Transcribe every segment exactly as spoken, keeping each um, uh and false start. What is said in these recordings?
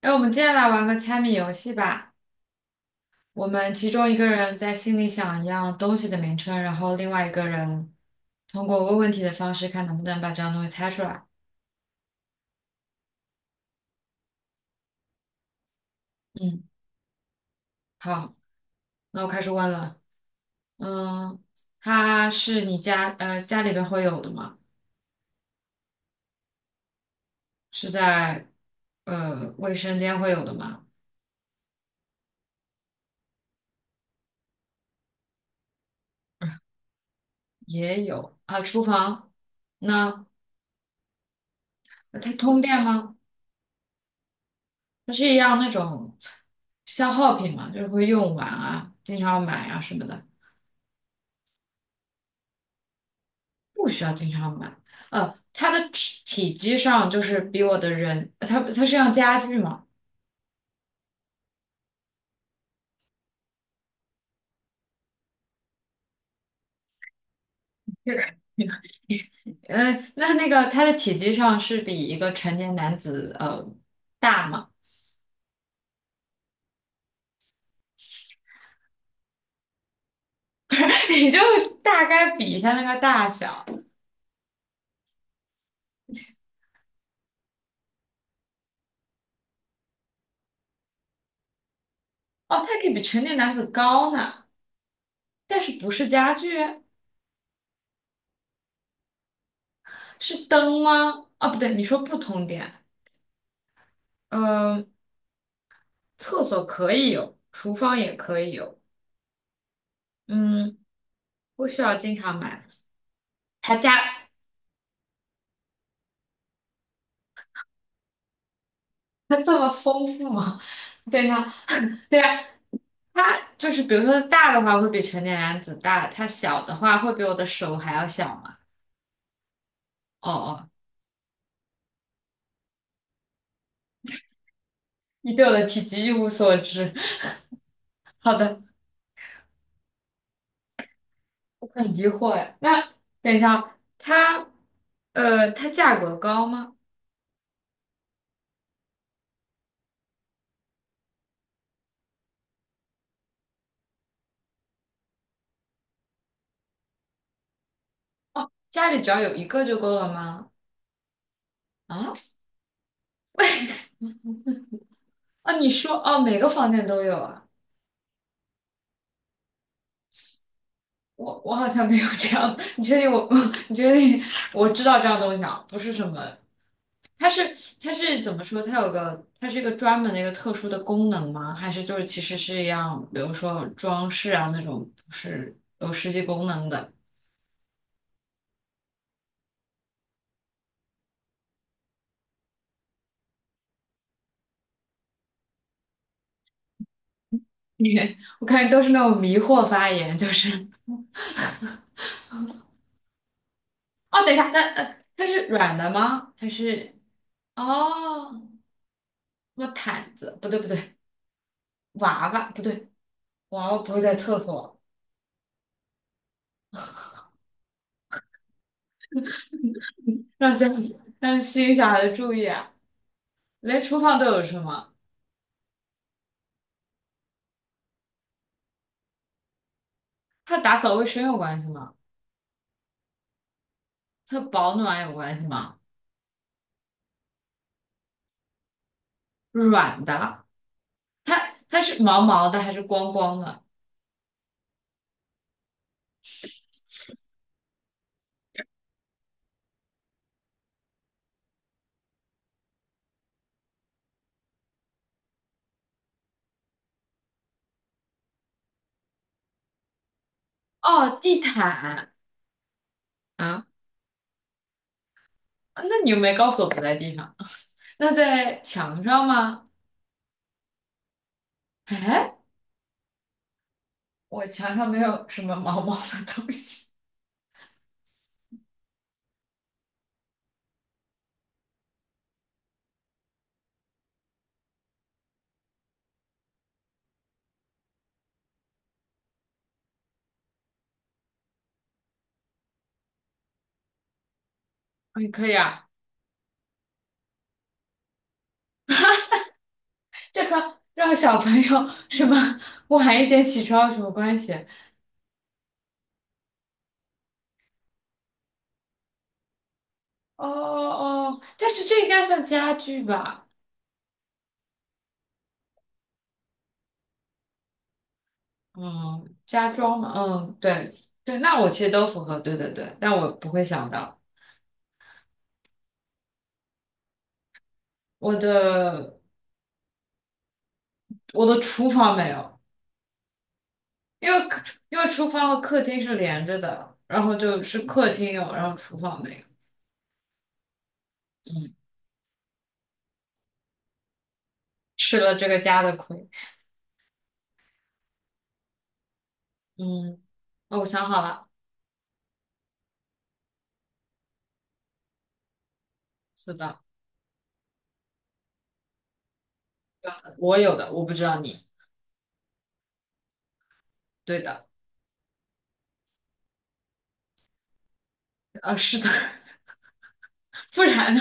哎，我们接下来玩个猜谜游戏吧。我们其中一个人在心里想一样东西的名称，然后另外一个人通过问问题的方式，看能不能把这样东西猜出来。嗯，好，那我开始问了。嗯，它是你家呃家里边会有的吗？是在呃卫生间会有的吗？也有啊，厨房。那呃它通电吗？它是一样那种消耗品嘛，就是会用完啊，经常买啊什么的。不需要经常买。呃，它的体体积上就是比我的人，它它是样家具嘛？是，嗯、呃那那个它的体积上是比一个成年男子呃大嘛？你就大概比一下那个大小。哦，它可以比成年男子高呢，但是不是家具？是灯吗？啊，不对，你说不通电。嗯，厕所可以有，厨房也可以有。嗯，不需要经常买。他家它这么丰富吗？对呀，对呀，它就是比如说大的话会比成年男子大，它小的话会比我的手还要小嘛？哦哦，你对我的体积一无所知。好的，我很疑惑哎。那等一下哦，它呃，它价格高吗？哦，家里只要有一个就够了吗？啊啊，你说哦，每个房间都有啊？我我好像没有这样的，你确定我？你确定我知道这样东西啊？不是什么。它是它是怎么说？它有个它是一个专门的一个特殊的功能吗？还是就是其实是一样，比如说装饰啊那种，不是有实际功能的？我看你都是那种迷惑发言，就是哦，等一下，那呃，它是软的吗？还是哦，那毯子不对不对，娃娃不对，娃娃不会在厕所，让小让吸引小孩的注意啊，连厨房都有是吗？它打扫卫生有关系吗？它保暖有关系吗？软的，它它是毛毛的还是光光的？哦，地毯，啊，那你又没告诉我不在地上，那在墙上吗？哎，我墙上没有什么毛毛的东西。哎，可以啊，这和让小朋友什么晚一点起床有什么关系？哦哦，但是这应该算家具吧？嗯，家装嘛，嗯，对对，那我其实都符合，对对对，但我不会想到我的我的厨房没有。因为因为厨房和客厅是连着的，然后就是客厅有，然后厨房没有。嗯，吃了这个家的亏。嗯，哦，我想好了，是的，我有的，我不知道你。对的，呃，是的，不然呢？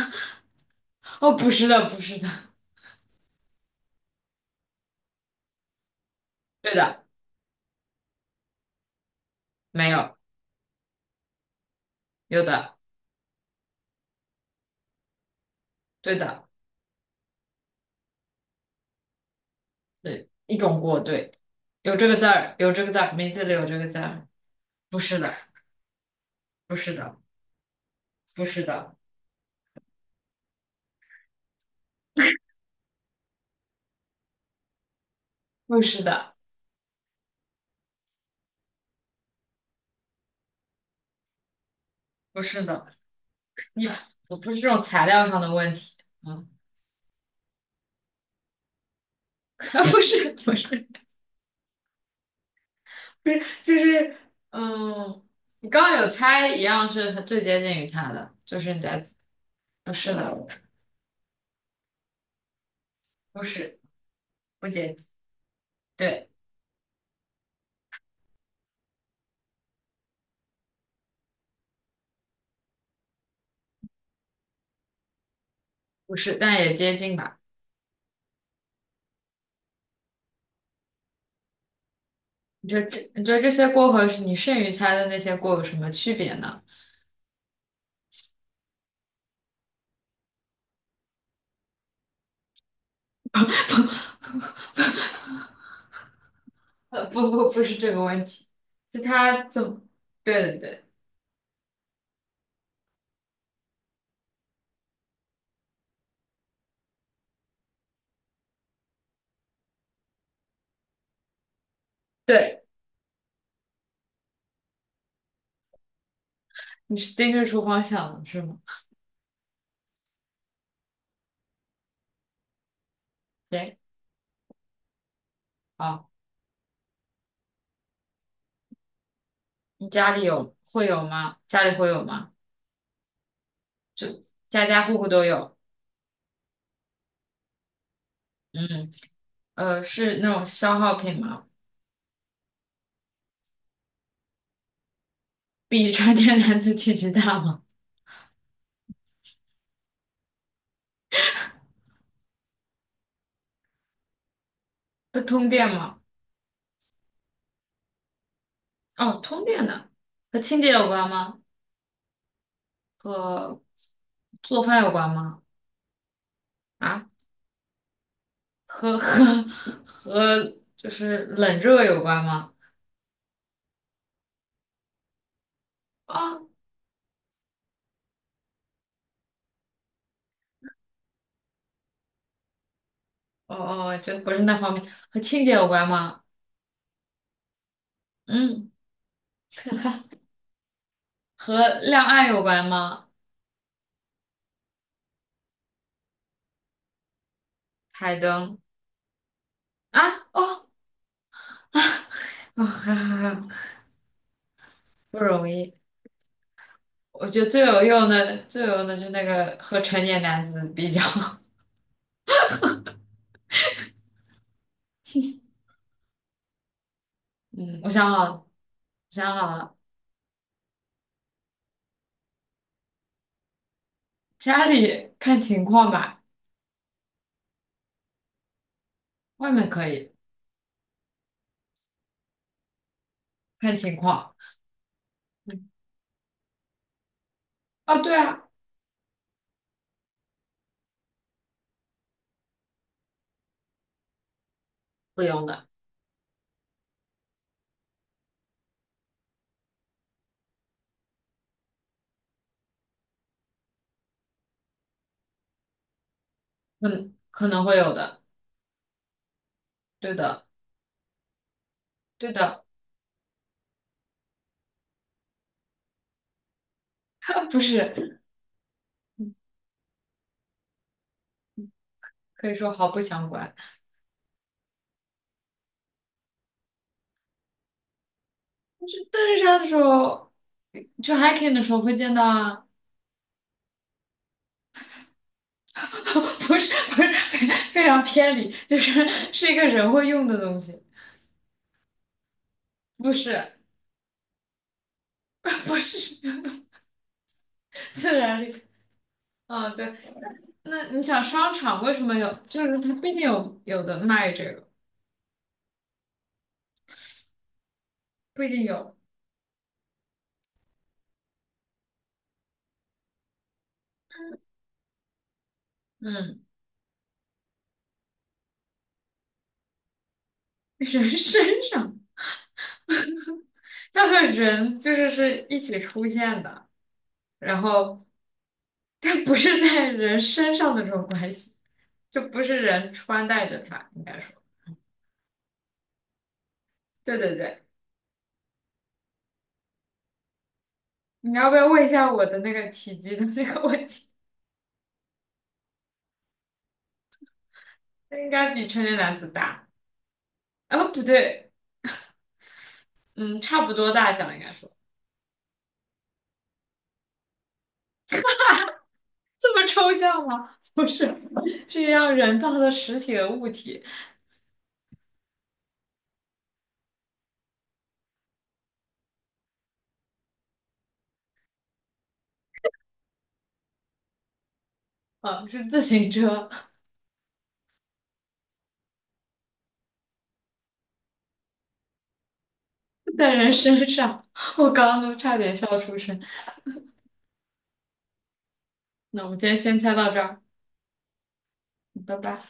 哦，不是的，不是的，对的，没有，有的，对的，对，一种锅，对，有这个字儿，有这个字儿，名字里有这个字儿，不是的，不是的，不是的，不是的，不是的，你，我不是这种材料上的问题。嗯。啊，不是不是不是，就是嗯，你刚刚有猜一样是很最接近于它的，就是你在不是的，不是不接近，对，不是，但也接近吧。你觉得这你觉得这些锅和你剩余猜的那些锅有什么区别呢？呃，不不不是这个问题，是它怎么？对对对对，你是盯着厨房想的是吗？对，好，你家里有会有吗？家里会有吗？就家家户户都有，嗯。呃，是那种消耗品吗？比成年男子体积大吗？会通电吗？哦，通电的，和清洁有关吗？和做饭有关吗？啊，和和和就是冷热有关吗？啊，哦哦，哦这不是那方面，和清洁有关吗？嗯，和亮暗有关吗？台灯啊，哦，哦，哈哈哈不容易。我觉得最有用的，最有用的就是那个和成年男子比较。嗯，我想好，想好了，家里看情况吧，外面可以看情况。嗯，哦，对啊，不用的，嗯，可能会有的，对的，对的，不是，可以说毫不相关。但是登山的时候，去 hiking 的时候会见到啊，不是，不是，非非常偏离，就是是一个人会用的东西，不是，不是，自然力。嗯，对，那你想商场为什么有？就是它毕竟有有的卖这个。不一定有嗯，人 身上，它和人就是是一起出现的，然后它不是在人身上的这种关系，就不是人穿戴着它，应该说，对对对，你要不要问一下我的那个体积的那个问题？它应该比成年男子大，啊不对，嗯，差不多大小应该说，这么抽象吗？不是，是一样人造的实体的物体，啊，是自行车在人身上，我刚刚都差点笑出声。那我们今天先猜到这儿，拜拜。